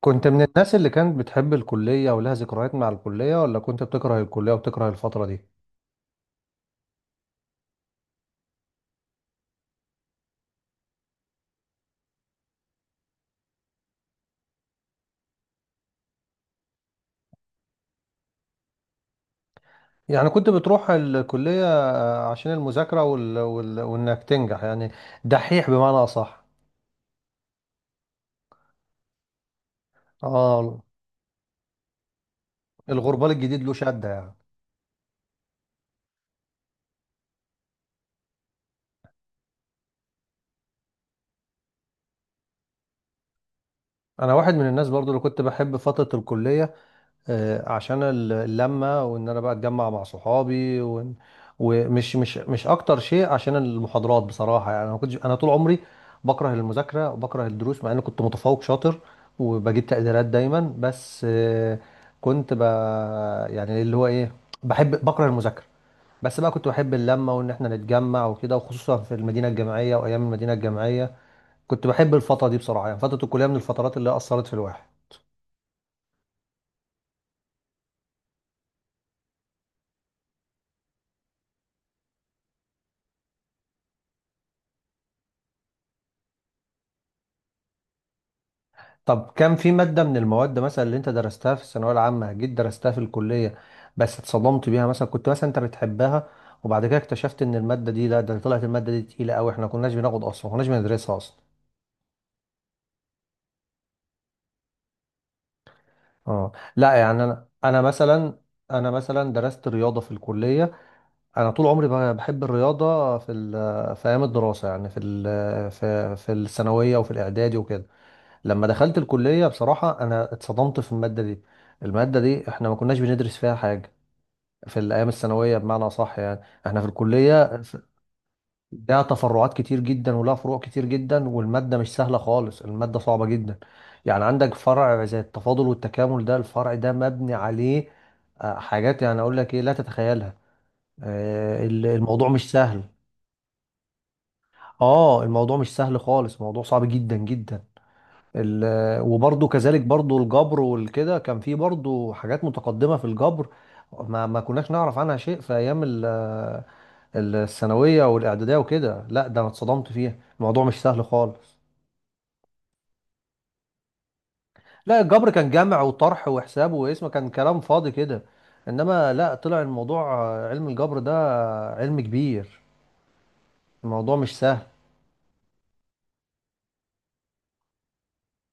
كنت من الناس اللي كانت بتحب الكلية ولها ذكريات مع الكلية ولا كنت بتكره الكلية وبتكره الفترة دي؟ يعني كنت بتروح الكلية. آه، عشان المذاكرة وإنك تنجح، يعني دحيح بمعنى أصح. آه، الغربال الجديد له شدة يعني. أنا واحد من الناس برضو اللي كنت بحب فترة الكلية. آه، عشان اللمة، وان انا بقى اتجمع مع صحابي ومش مش مش اكتر شيء عشان المحاضرات، بصراحة يعني انا ما كنتش طول عمري بكره المذاكرة وبكره الدروس، مع اني كنت متفوق شاطر وبجيب تقديرات دايما. بس آه، كنت ب يعني اللي هو ايه، بكره المذاكرة. بس بقى كنت بحب اللمة وان احنا نتجمع وكده، وخصوصا في المدينة الجامعية وايام المدينة الجامعية. كنت بحب الفترة دي بصراحة، يعني فترة الكلية من الفترات اللي اثرت في الواحد. طب كان في مادة من المواد مثلا اللي انت درستها في الثانوية العامة، جيت درستها في الكلية بس اتصدمت بيها؟ مثلا كنت مثلا انت بتحبها، وبعد كده اكتشفت ان المادة دي، لا ده طلعت المادة دي تقيلة قوي، احنا ما كناش بناخد اصلا، ما كناش بندرسها اصلا. اه لا، يعني انا مثلا، انا مثلا درست رياضة في الكلية. انا طول عمري بحب الرياضة في في ايام الدراسة، يعني في في الثانوية وفي الاعدادي وكده. لما دخلت الكلية بصراحة انا اتصدمت في المادة دي. المادة دي احنا ما كناش بندرس فيها حاجة في الايام الثانويه، بمعنى صح يعني. احنا في الكليه لها تفرعات كتير جدا ولها فروع كتير جدا، والماده مش سهله خالص، الماده صعبه جدا. يعني عندك فرع زي التفاضل والتكامل، ده الفرع ده مبني عليه آه، حاجات يعني اقول لك ايه، لا تتخيلها. آه، الموضوع مش سهل. اه الموضوع مش سهل خالص، الموضوع صعب جدا جدا. وبرضه كذلك برضه الجبر والكده، كان فيه برضه حاجات متقدمه في الجبر ما كناش نعرف عنها شيء في ايام الثانويه والاعداديه وكده. لا ده انا اتصدمت فيها، الموضوع مش سهل خالص. لا الجبر كان جمع وطرح وحساب واسم، كان كلام فاضي كده. انما لا، طلع الموضوع آه، علم الجبر ده آه، علم كبير، الموضوع مش سهل.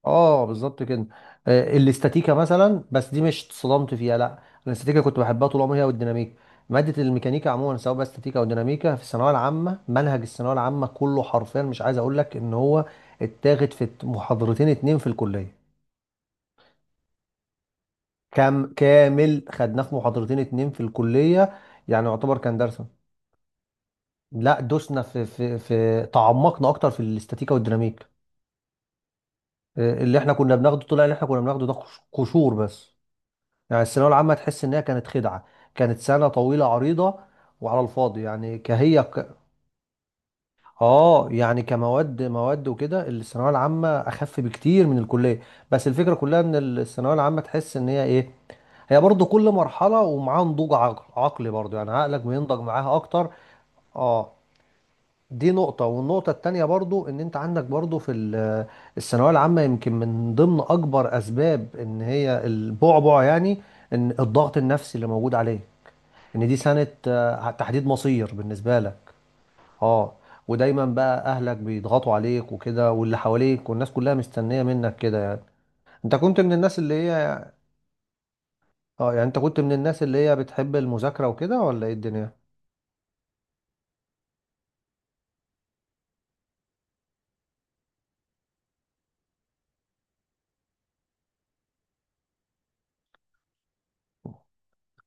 اه بالظبط كده. آه، الاستاتيكا مثلا، بس دي مش اتصدمت فيها لا، الاستاتيكا كنت بحبها طول عمري هي والديناميكا. مادة الميكانيكا عموما، سواء بقى استاتيكا او ديناميكا، في الثانوية العامة، منهج الثانوية العامة كله حرفيا مش عايز اقول لك ان هو اتاخد في محاضرتين اتنين في الكلية. كامل خدناه في محاضرتين اتنين في الكلية، يعني يعتبر كان درس. لا دوسنا في تعمقنا اكتر في الاستاتيكا والديناميك. آه، اللي احنا كنا بناخده، طلع اللي احنا كنا بناخده ده قشور بس. يعني الثانوية العامة تحس انها كانت خدعة، كانت سنة طويلة عريضة وعلى الفاضي، يعني كهي. اه يعني كمواد، مواد وكده الثانويه العامه اخف بكتير من الكليه. بس الفكره كلها ان الثانويه العامه تحس ان هي ايه، هي برضو كل مرحله ومعاها نضوج عقل عقلي، برضو يعني عقلك بينضج معاها اكتر. اه. دي نقطه، والنقطه التانية برضو ان انت عندك برضو في الثانويه العامه يمكن من ضمن اكبر اسباب ان هي البعبع، يعني ان الضغط النفسي اللي موجود عليه، ان دي سنه آه، تحديد مصير بالنسبه لك. اه ودايما بقى اهلك بيضغطوا عليك وكده، واللي حواليك والناس كلها مستنيه منك كده، يعني انت كنت من الناس اللي هي. اه يعني انت كنت من الناس اللي هي بتحب المذاكره وكده ولا ايه الدنيا؟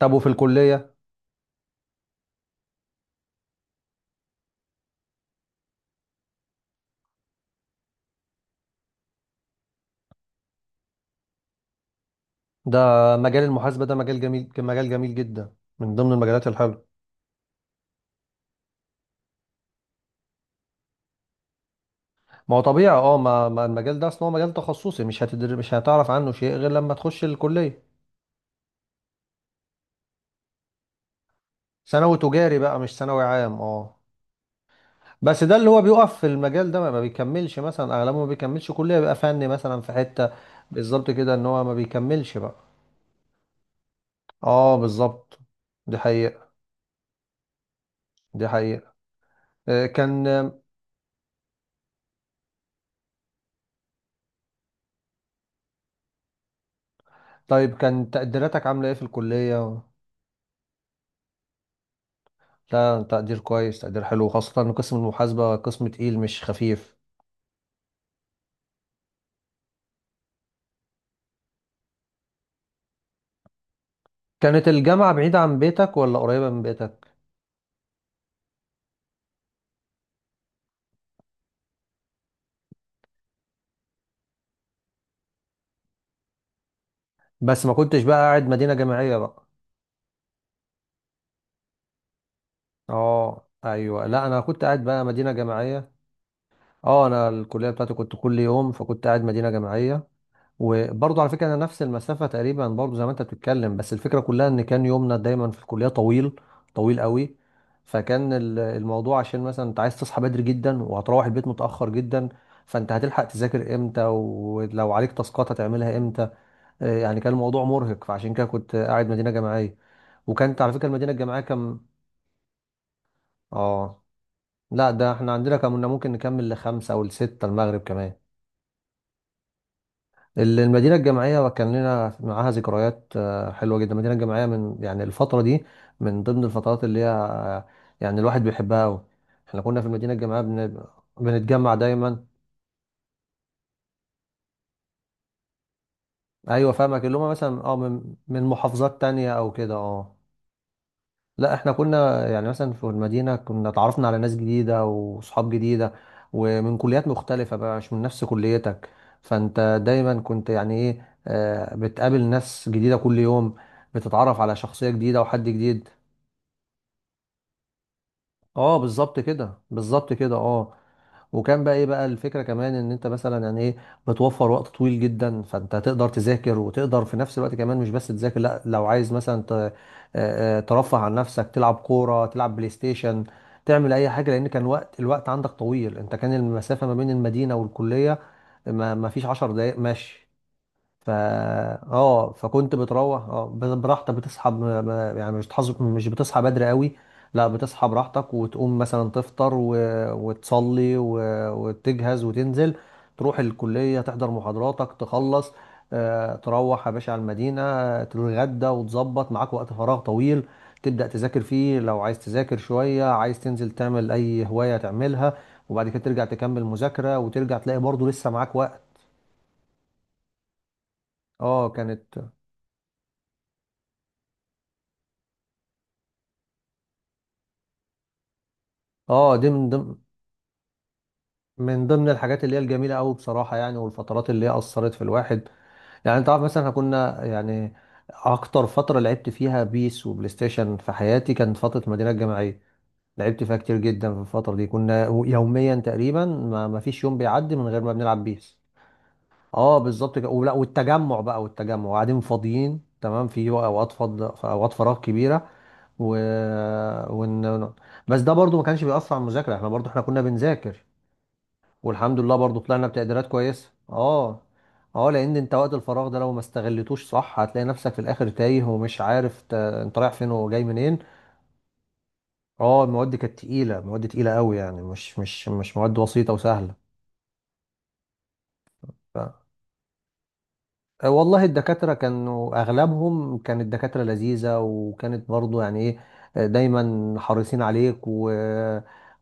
طب وفي الكليه؟ ده مجال المحاسبه ده مجال جميل، مجال جميل جدا، من ضمن المجالات الحلوه. ما هو طبيعي، اه ما المجال ده اصلا هو مجال تخصصي، مش هتعرف عنه شيء غير لما تخش الكليه. ثانوي تجاري بقى، مش ثانوي عام، اه. بس ده اللي هو بيقف في المجال ده ما بيكملش، مثلا اغلبه ما بيكملش كلية، بيبقى فني مثلا في حتة. بالظبط كده، ان هو ما بيكملش بقى. اه بالظبط. دي حقيقة، دي حقيقة. آه، كان طيب كان تقديراتك عاملة ايه في الكلية؟ لا تقدير كويس، تقدير حلو، خاصة ان قسم المحاسبة قسم تقيل مش خفيف. كانت الجامعة بعيدة عن بيتك ولا قريبة من بيتك؟ بس ما كنتش بقى قاعد مدينة جامعية بقى؟ اه ايوه، لا انا كنت قاعد بقى مدينة جامعية. اه، انا الكليه بتاعتي كنت كل يوم، فكنت قاعد مدينه جامعيه. وبرضه على فكره انا نفس المسافه تقريبا برضه زي ما انت بتتكلم، بس الفكره كلها ان كان يومنا دايما في الكليه طويل، طويل قوي. فكان الموضوع، عشان مثلا انت عايز تصحى بدري جدا وهتروح البيت متاخر جدا، فانت هتلحق تذاكر امتى، ولو عليك تاسكات هتعملها امتى؟ آه، يعني كان الموضوع مرهق، فعشان كده كنت قاعد مدينه جامعيه. وكانت على فكره المدينه الجامعيه كم. اه لا ده احنا عندنا كنا ممكن نكمل لخمسة او لستة المغرب كمان. المدينة الجامعية كان لنا معاها ذكريات آه، حلوة جدا، المدينة الجامعية من يعني الفترة دي من ضمن الفترات اللي هي آه، يعني الواحد بيحبها أوي. احنا كنا في المدينة الجامعية بنتجمع دايما. أيوة فاهمك، اللي هما مثلا اه من من محافظات تانية أو كده، اه. لا احنا كنا يعني مثلا في المدينة كنا اتعرفنا على ناس جديدة وصحاب جديدة، ومن كليات مختلفة بقى، مش من نفس كليتك، فانت دايما كنت يعني ايه آه، بتقابل ناس جديدة كل يوم، بتتعرف على شخصية جديدة وحد جديد. اه بالظبط كده، بالظبط كده، اه. وكان بقى ايه بقى الفكره كمان، ان انت مثلا يعني ايه بتوفر وقت طويل جدا، فانت تقدر تذاكر وتقدر في نفس الوقت كمان، مش بس تذاكر، لا لو عايز مثلا آه، ترفه عن نفسك، تلعب كوره، تلعب بلاي ستيشن، تعمل اي حاجه، لان كان وقت الوقت عندك طويل، كان المسافه ما بين المدينه والكليه ما فيش 10 دقائق ماشي. فا اه فكنت بتروح اه براحتك، بتصحى يعني مش بتصحى، مش بتصحى بدري قوي، لا بتصحى براحتك، وتقوم مثلا تفطر وتصلي وتجهز وتنزل، تروح الكلية تحضر محاضراتك تخلص، آه تروح يا باشا على المدينة آه، تتغدى وتظبط معاك وقت فراغ طويل، تبدأ تذاكر فيه. لو عايز تذاكر شوية، عايز تنزل تعمل أي هواية تعملها، وبعد كده ترجع تكمل مذاكرة، وترجع تلاقي برضه لسه معاك وقت. اه كانت. اه دي من ضمن، من ضمن الحاجات اللي هي الجميله قوي بصراحه، يعني والفترات اللي هي اثرت في الواحد. يعني انت عارف مثلا، احنا كنا يعني اكتر فتره لعبت فيها بيس وبلاي ستيشن في حياتي كانت فتره المدينه الجامعيه، لعبت فيها كتير جدا. في الفتره دي كنا يوميا تقريبا ما فيش يوم بيعدي من غير ما بنلعب بيس. اه بالظبط كده. ولا والتجمع بقى، والتجمع قاعدين فاضيين تمام في اوقات فض في اوقات فراغ كبيره و... ون... بس ده برضو ما كانش بيأثر على المذاكره، احنا برضو احنا كنا بنذاكر، والحمد لله برضو طلعنا بتقديرات كويسة اه. اه لان انت وقت الفراغ ده لو ما استغلتوش صح، هتلاقي نفسك في الاخر تايه ومش عارف انت رايح فين وجاي منين. اه المواد كانت تقيلة، مواد تقيلة قوي يعني، مش مواد بسيطة وسهلة. ف... آه، والله الدكاترة كانوا اغلبهم، كانت دكاترة لذيذة، وكانت برضو يعني ايه آه، دايما حريصين عليك، و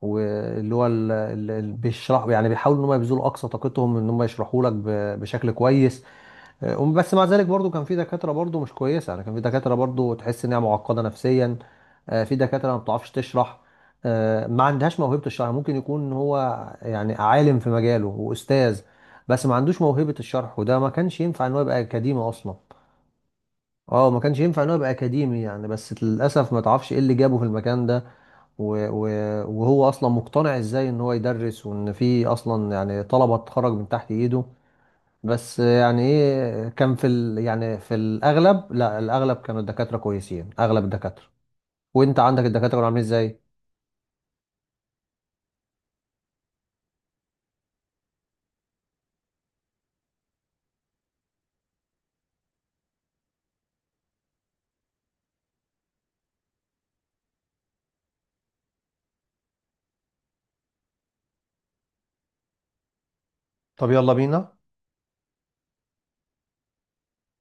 واللي هو ال- ال- ال- بيشرحوا، يعني بيحاولوا ان هم يبذلوا اقصى طاقتهم ان هم يشرحوا لك بشكل كويس. آه، بس مع ذلك برضو كان في دكاترة برضو مش كويسة، يعني كان في دكاترة برضو تحس انها معقدة نفسيا. آه، في دكاترة ما بتعرفش تشرح، آه، ما عندهاش موهبة الشرح. يعني ممكن يكون هو يعني عالم في مجاله وأستاذ، بس ما عندوش موهبة الشرح، وده ما كانش ينفع ان هو يبقى أكاديمي أصلا. اه ما كانش ينفع ان هو يبقى أكاديمي يعني، بس للأسف ما تعرفش ايه اللي جابه في المكان ده، وهو أصلا مقتنع ازاي ان هو يدرس، وان في أصلا يعني طلبة تخرج من تحت ايده. بس يعني ايه، يعني في الاغلب، لا الاغلب كانوا الدكاتره كويسين، اغلب الدكاتره. وانت عندك الدكاتره كانوا عاملين ازاي؟ طب يلا بينا.